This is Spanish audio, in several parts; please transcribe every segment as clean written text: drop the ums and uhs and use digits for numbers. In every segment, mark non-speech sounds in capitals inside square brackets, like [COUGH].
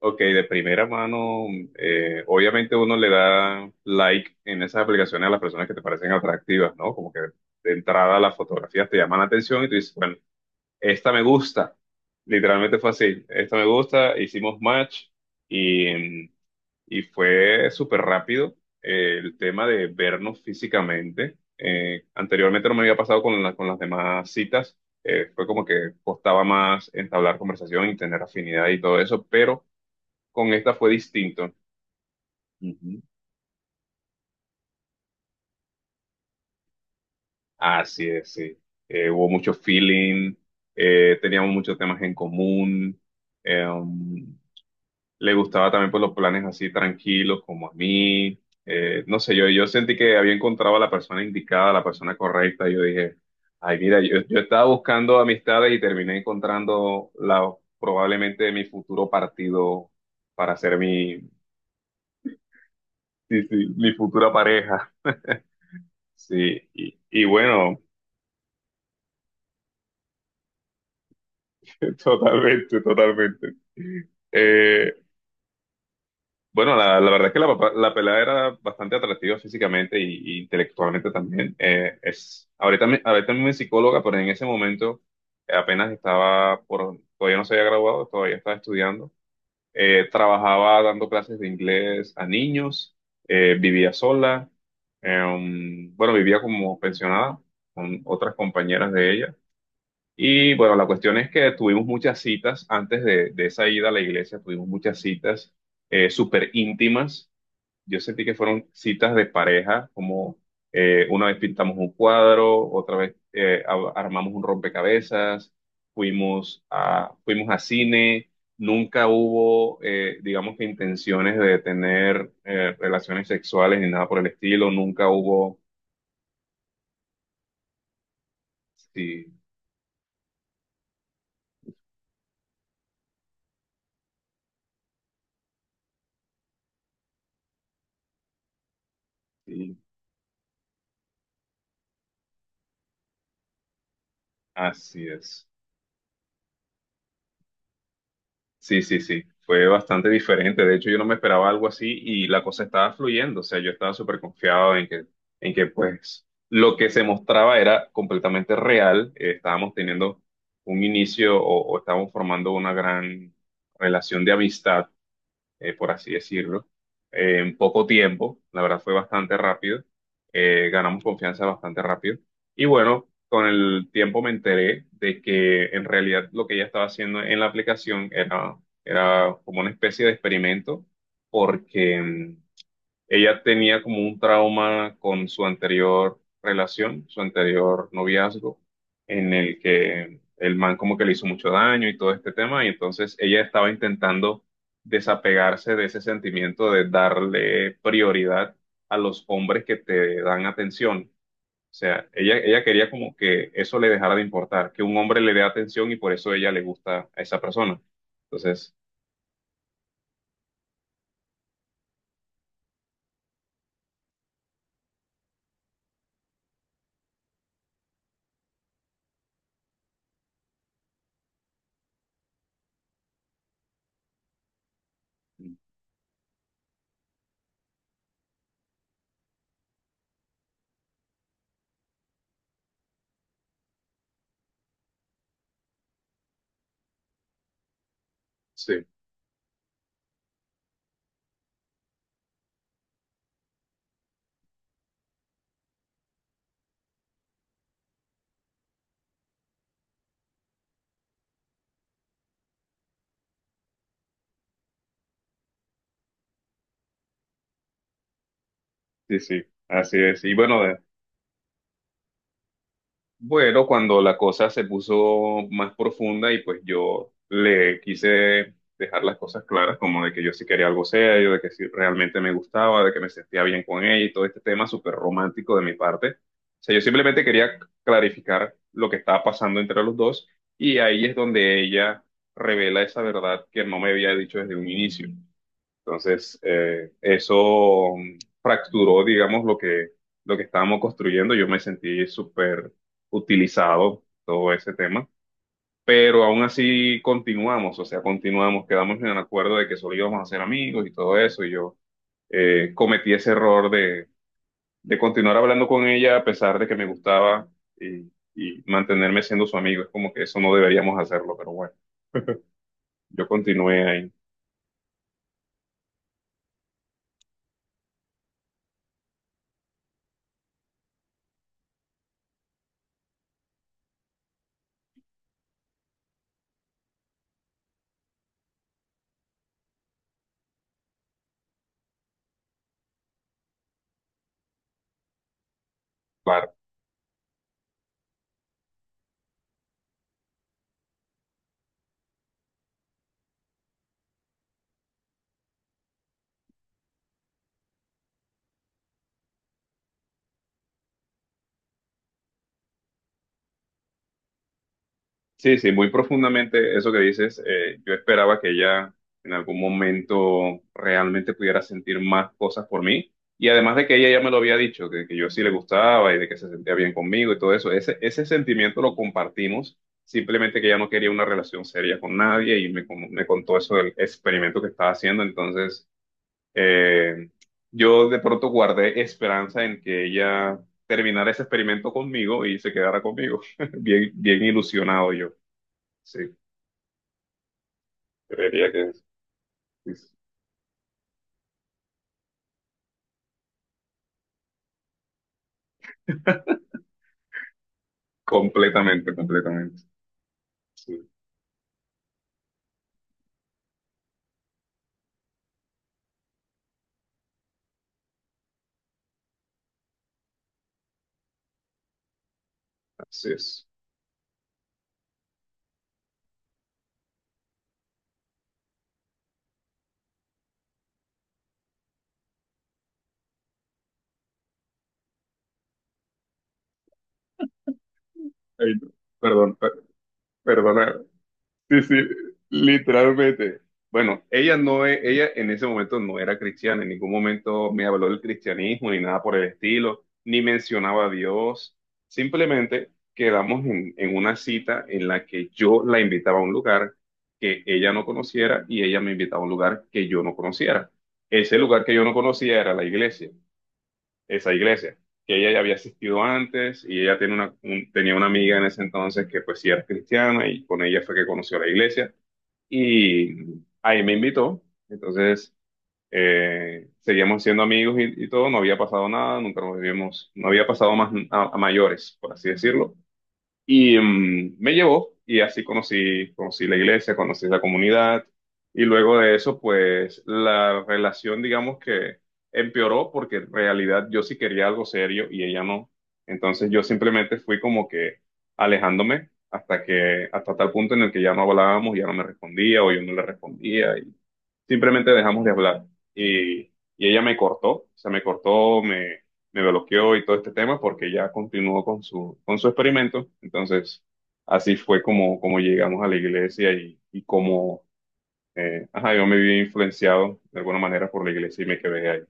Ok, de primera mano, obviamente uno le da like en esas aplicaciones a las personas que te parecen atractivas, ¿no? Como que de entrada las fotografías te llaman la atención y tú dices, bueno, esta me gusta. Literalmente fue así, esta me gusta, hicimos match y, y fue súper rápido el tema de vernos físicamente. Anteriormente no me había pasado con, con las demás citas, fue como que costaba más entablar conversación y tener afinidad y todo eso, pero con esta fue distinto. Ujú. Así es, sí. Hubo mucho feeling, teníamos muchos temas en común. eh, um, Le gustaba también por los planes así tranquilos como a mí. No sé, yo sentí que había encontrado a la persona indicada, a la persona correcta. Yo dije, ay, mira, yo estaba buscando amistades y terminé encontrando la, probablemente mi futuro partido para ser mi, sí, sí, mi futura pareja. Sí, y bueno. Totalmente, totalmente. Eh, bueno, la verdad es que la, la pelada era bastante atractiva físicamente y intelectualmente también. Es, ahorita, ahorita mismo es psicóloga, pero en ese momento apenas estaba por, todavía no se había graduado, todavía estaba estudiando. Trabajaba dando clases de inglés a niños, vivía sola, bueno, vivía como pensionada con otras compañeras de ella y bueno, la cuestión es que tuvimos muchas citas antes de esa ida a la iglesia, tuvimos muchas citas súper íntimas. Yo sentí que fueron citas de pareja, como una vez pintamos un cuadro, otra vez armamos un rompecabezas, fuimos a, fuimos a cine. Nunca hubo, digamos que intenciones de tener relaciones sexuales ni nada por el estilo. Nunca hubo, sí, sí, así es. Sí, sí, sí, fue bastante diferente. De hecho, yo no me esperaba algo así y la cosa estaba fluyendo. O sea, yo estaba súper confiado en que, pues, lo que se mostraba era completamente real. Estábamos teniendo un inicio o estábamos formando una gran relación de amistad por así decirlo, en poco tiempo. La verdad fue bastante rápido. Ganamos confianza bastante rápido. Y bueno, con el tiempo me enteré de que en realidad lo que ella estaba haciendo en la aplicación era, era como una especie de experimento porque... ella tenía como un trauma con su anterior relación, su anterior noviazgo, en el que el man como que le hizo mucho daño y todo este tema, y entonces ella estaba intentando desapegarse de ese sentimiento de darle prioridad a los hombres que te dan atención. O sea, ella quería como que eso le dejara de importar, que un hombre le dé atención y por eso ella le gusta a esa persona. Entonces, sí, sí, sí, así es. Y bueno, bueno, cuando la cosa se puso más profunda y pues yo le quise dejar las cosas claras, como de que yo sí quería algo serio, de que sí realmente me gustaba, de que me sentía bien con ella y todo este tema súper romántico de mi parte. O sea, yo simplemente quería clarificar lo que estaba pasando entre los dos y ahí es donde ella revela esa verdad que no me había dicho desde un inicio. Entonces, eso fracturó, digamos, lo que estábamos construyendo. Yo me sentí súper utilizado todo ese tema, pero aún así continuamos, o sea, continuamos, quedamos en el acuerdo de que solo íbamos a ser amigos y todo eso. Y yo cometí ese error de continuar hablando con ella a pesar de que me gustaba y, y mantenerme siendo su amigo. Es como que eso no deberíamos hacerlo, pero bueno, yo continué ahí. Sí, sí, muy profundamente eso que dices. Yo esperaba que ella en algún momento realmente pudiera sentir más cosas por mí. Y además de que ella ya me lo había dicho, que yo sí le gustaba y de que se sentía bien conmigo y todo eso, ese sentimiento lo compartimos, simplemente que ella no quería una relación seria con nadie y me, me contó eso del experimento que estaba haciendo. Entonces, eh, yo de pronto guardé esperanza en que ella terminara ese experimento conmigo y se quedara conmigo. [LAUGHS] Bien, bien ilusionado yo. Sí, creería que es. es- Completamente, completamente. Sí, así es. Ay, no. perdón, per- Perdona. Sí, sí, literalmente. Bueno, ella en ese momento no era cristiana, en ningún momento me habló del cristianismo ni nada por el estilo, ni mencionaba a Dios. Simplemente quedamos en una cita en la que yo la invitaba a un lugar que ella no conociera y ella me invitaba a un lugar que yo no conociera. Ese lugar que yo no conocía era la iglesia. Esa iglesia, que ella ya había asistido antes y ella tiene una, tenía una amiga en ese entonces que pues sí era cristiana y con ella fue que conoció la iglesia y ahí me invitó, entonces seguíamos siendo amigos y todo, no había pasado nada, nunca nos habíamos, no había pasado más a mayores, por así decirlo. Y me llevó y así conocí, conocí la iglesia, conocí la comunidad y luego de eso pues la relación digamos que empeoró porque en realidad yo sí quería algo serio y ella no. Entonces yo simplemente fui como que alejándome hasta que hasta tal punto en el que ya no hablábamos, ya no me respondía o yo no le respondía simplemente dejamos de hablar. Y, y ella me cortó, o sea, me cortó, me bloqueó y todo este tema porque ya continuó con su experimento. Entonces, así fue como, como llegamos a la iglesia y como, ajá, yo me vi influenciado de alguna manera por la iglesia y me quedé ahí.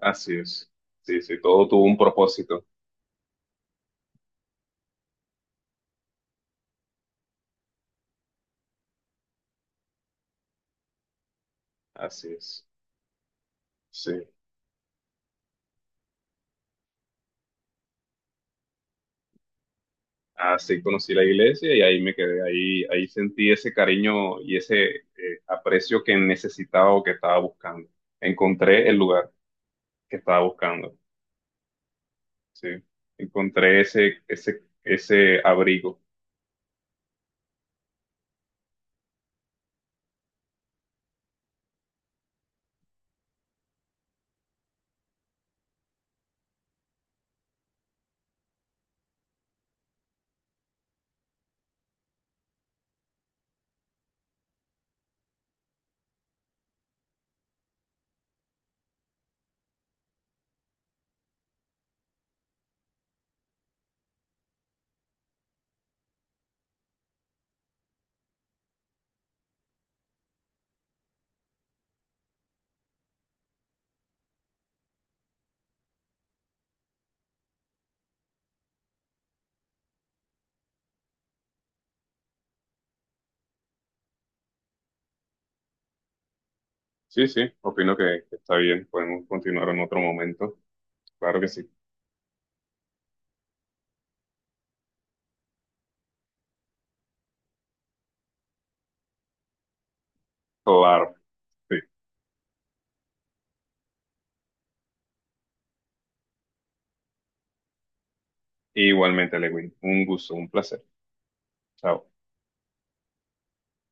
Así es. Sí, sí, todo tuvo un propósito. Así es. Sí. Así conocí la iglesia y ahí me quedé, ahí, ahí sentí ese cariño y ese aprecio que necesitaba o que estaba buscando. Encontré el lugar que estaba buscando, sí. Encontré ese abrigo. Sí, sí, opino que está bien. Podemos continuar en otro momento. Claro que sí. Claro. Sí. Igualmente, Lewin. Un gusto, un placer. Chao.